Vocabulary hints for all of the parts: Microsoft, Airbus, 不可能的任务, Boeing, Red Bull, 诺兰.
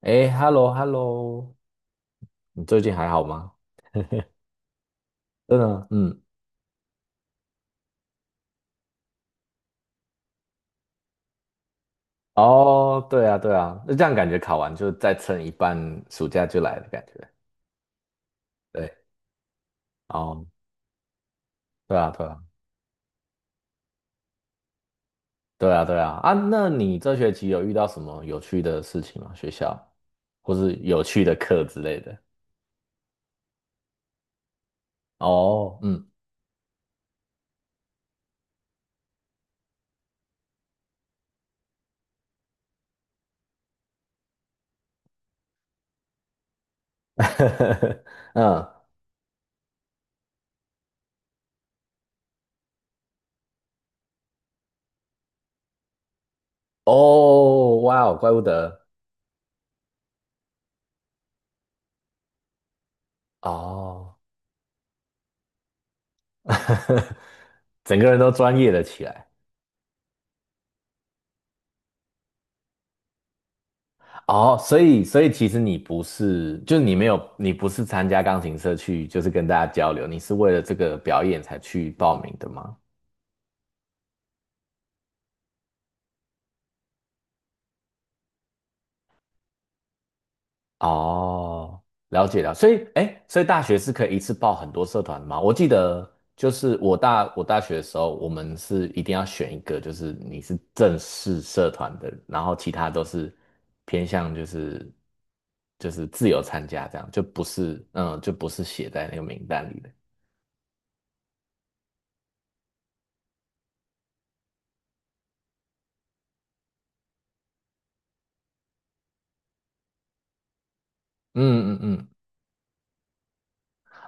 哎，hello，hello，你最近还好吗？真的，嗯，哦，对啊，对啊，那这样感觉考完就再撑一半，暑假就来的感觉。对，哦，对啊，对啊，对啊，对啊，啊，那你这学期有遇到什么有趣的事情吗？学校，或是有趣的课之类的？哦，嗯，嗯，哦，哇哦，怪不得，哦，整个人都专业了起来。哦，所以其实你不是，就是你没有，你不是参加钢琴社去，就是跟大家交流，你是为了这个表演才去报名的吗？哦，了解了。所以，哎，所以大学是可以一次报很多社团的吗？我记得就是我大学的时候，我们是一定要选一个，就是你是正式社团的，然后其他都是偏向就是自由参加这样，就不是写在那个名单里的。嗯嗯嗯。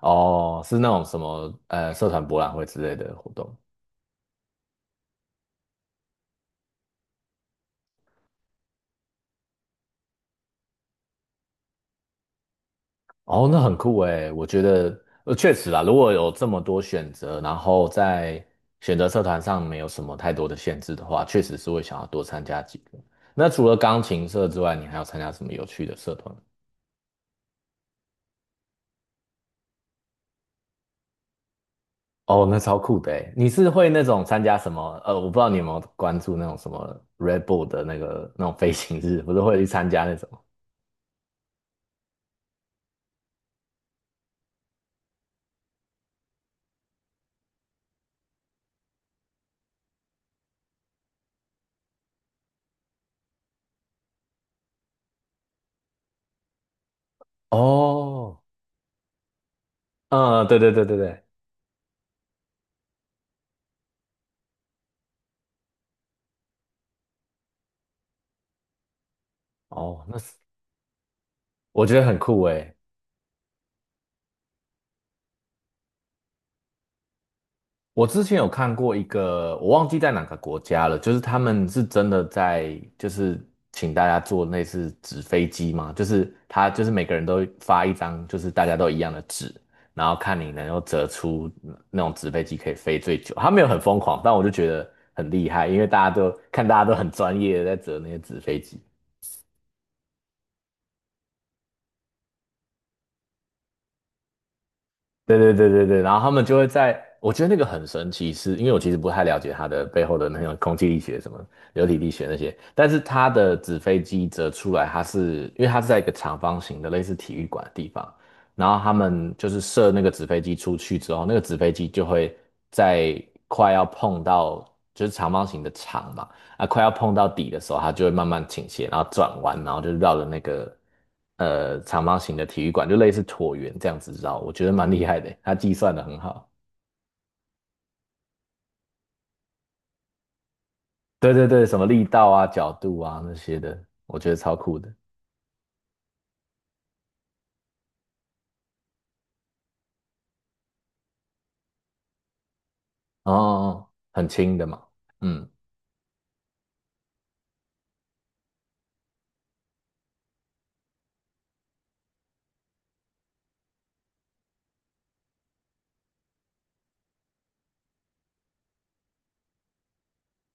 哦，是那种什么社团博览会之类的活动。哦，那很酷诶，我觉得确实啦，如果有这么多选择，然后在选择社团上没有什么太多的限制的话，确实是会想要多参加几个。那除了钢琴社之外，你还有参加什么有趣的社团？哦，那超酷的诶，你是会那种参加什么？我不知道你有没有关注那种什么 Red Bull 的那个那种飞行日，不是会去参加那种？哦，嗯，对对对对对，哦，那是。我觉得很酷诶。我之前有看过一个，我忘记在哪个国家了，就是他们是真的在，就是请大家做那似纸飞机嘛，就是他就是每个人都发一张，就是大家都一样的纸，然后看你能够折出那种纸飞机可以飞最久。他没有很疯狂，但我就觉得很厉害，因为大家都很专业的在折那些纸飞机。对对对对对，然后他们就会在，我觉得那个很神奇是，因为我其实不太了解它的背后的那种空气力学、什么流体力学那些，但是它的纸飞机折出来，它是因为它是在一个长方形的类似体育馆的地方，然后他们就是射那个纸飞机出去之后，那个纸飞机就会在快要碰到就是长方形的场嘛，啊，快要碰到底的时候，它就会慢慢倾斜，然后转弯，然后就绕着那个长方形的体育馆，就类似椭圆这样子绕，我觉得蛮厉害的，它计算的很好。对对对，什么力道啊、角度啊那些的，我觉得超酷的。哦，哦哦很轻的嘛。嗯，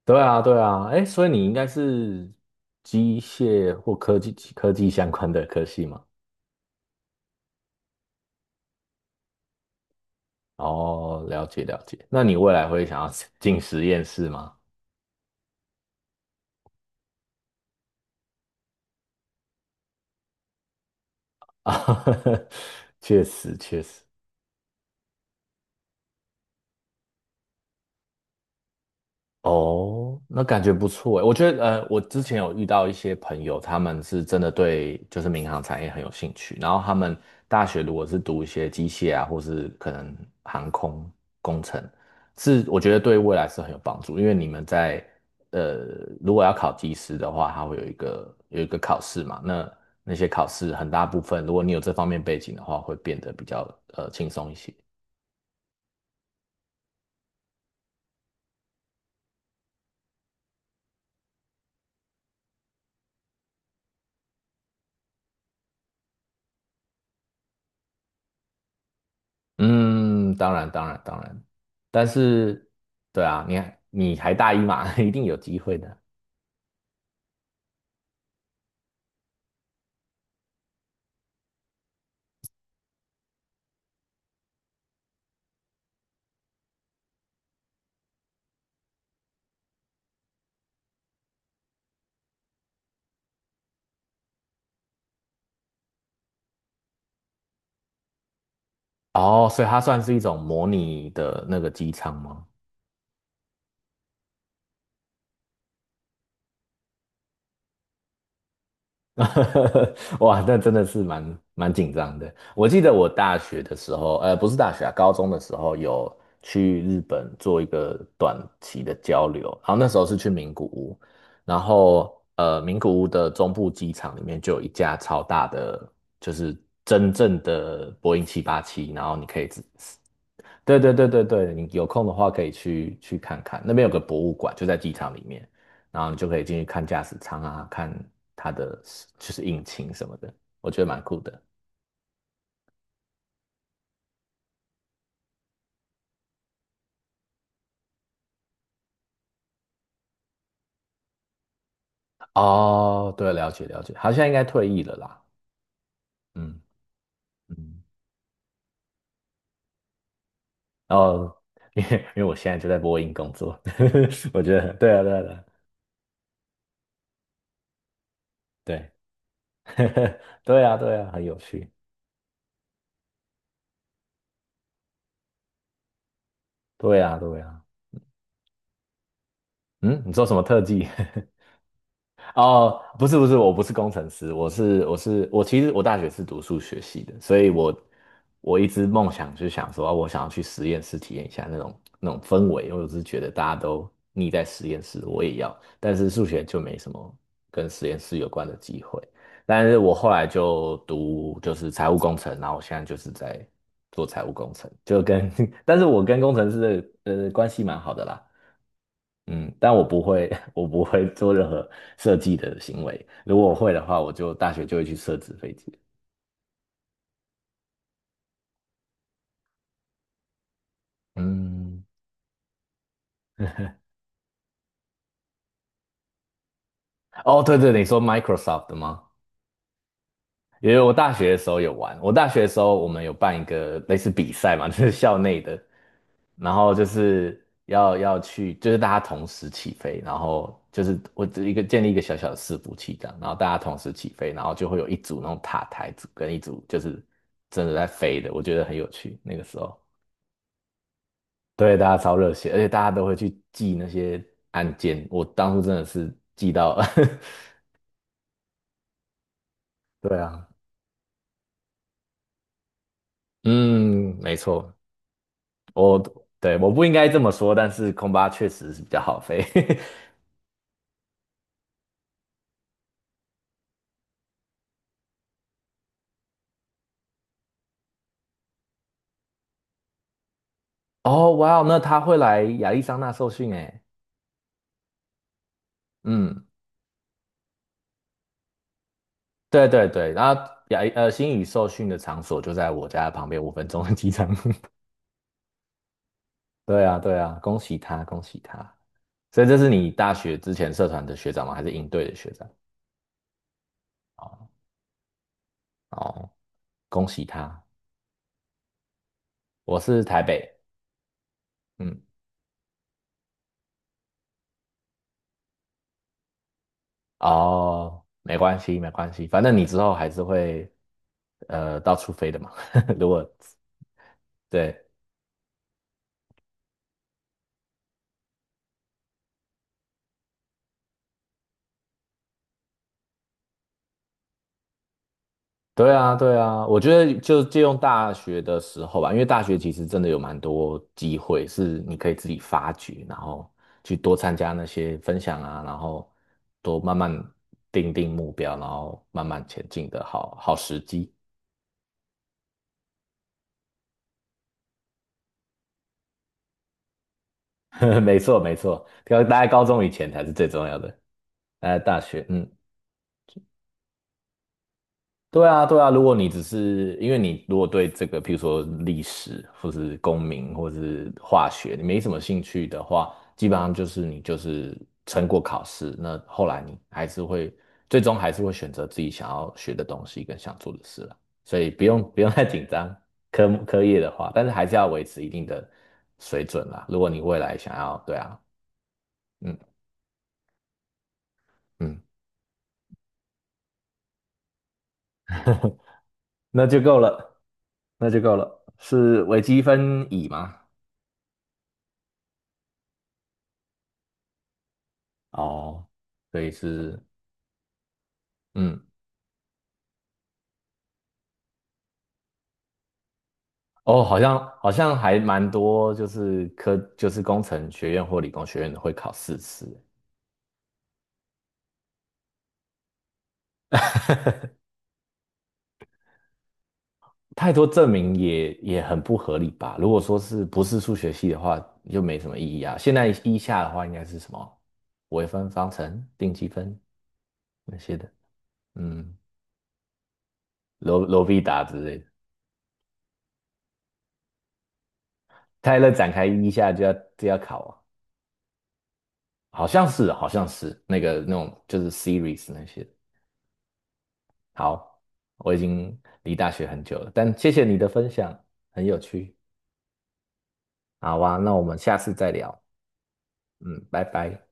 对啊对啊，哎，所以你应该是机械或科技相关的科系嘛？哦，了解了解。那你未来会想要进实验室吗？啊，确实确实。哦，那感觉不错诶。我觉得，我之前有遇到一些朋友，他们是真的对就是民航产业很有兴趣，然后他们大学如果是读一些机械啊，或是可能航空工程，是我觉得对未来是很有帮助，因为你们在呃，如果要考技师的话，它会有一个考试嘛，那些考试很大部分，如果你有这方面背景的话，会变得比较轻松一些。嗯，当然，当然，当然，但是，对啊，你还大一嘛，一定有机会的。哦，所以它算是一种模拟的那个机舱吗？哇，那真的是蛮紧张的。我记得我大学的时候，不是大学啊，高中的时候有去日本做一个短期的交流，然后那时候是去名古屋，然后名古屋的中部机场里面就有一架超大的，就是真正的波音787，然后你可以对对对对对，你有空的话可以去看看，那边有个博物馆，就在机场里面，然后你就可以进去看驾驶舱啊，看它的就是引擎什么的，我觉得蛮酷的。哦，对，了解了解，好像应该退役了啦。嗯嗯，然后因为我现在就在波音工作，我觉得对啊对啊对啊对，对啊对啊，很有趣，对啊对啊，嗯，你做什么特技？哦，不是不是，我不是工程师，我，其实我大学是读数学系的，所以我一直梦想就想说，啊我想要去实验室体验一下那种氛围，因为我是觉得大家都腻在实验室，我也要，但是数学就没什么跟实验室有关的机会。但是我后来就读就是财务工程，然后我现在就是在做财务工程，就跟 但是我跟工程师的关系蛮好的啦。嗯，但我不会，我不会做任何设计的行为。如果我会的话，我就大学就会去设置飞机。嗯，哦，对对，你说 Microsoft 的吗？因为我大学的时候有玩，我大学的时候我们有办一个类似比赛嘛，就是校内的，然后就是要去，就是大家同时起飞，然后就是我只一个建立一个小小的伺服器这样，然后大家同时起飞，然后就会有一组那种塔台组跟一组就是真的在飞的，我觉得很有趣，那个时候。对，大家超热血，而且大家都会去记那些案件。我当初真的是记到，对啊，嗯，没错，我对我不应该这么说，但是空巴确实是比较好飞。哦，哇哦，那他会来亚利桑那受训诶。嗯，对对对，然后星宇受训的场所就在我家旁边5分钟的机场。对啊，对啊，恭喜他，恭喜他。所以这是你大学之前社团的学长吗？还是应队的学长？哦哦，恭喜他。我是台北，嗯，哦，没关系，没关系，反正你之后还是会到处飞的嘛。如果对对啊，对啊，我觉得就借用大学的时候吧，因为大学其实真的有蛮多机会是你可以自己发掘，然后去多参加那些分享啊，然后多慢慢定目标，然后慢慢前进的好时机。没错，没错，要待在高中以前才是最重要的，待在大学，嗯。对啊，对啊，如果你只是因为你如果对这个，譬如说历史，或是公民，或是化学，你没什么兴趣的话，基本上就是你就是撑过考试，那后来你还是会最终还是会选择自己想要学的东西跟想做的事了，所以不用不用太紧张，科目科业的话，但是还是要维持一定的水准啦。如果你未来想要，对啊，嗯嗯，那就够了，那就够了，是微积分乙吗？哦，所以是，嗯，哦，好像还蛮多，就是科就是工程学院或理工学院的会考4次，太多证明也很不合理吧？如果说是不是数学系的话，就没什么意义啊。现在一下的话，应该是什么微分方程、定积分那些的，嗯，罗必达之类的。泰勒展开一下就要考啊，好像是那个那种就是 series 那些。好，我已经离大学很久了，但谢谢你的分享，很有趣。好啊，那我们下次再聊。嗯，拜拜。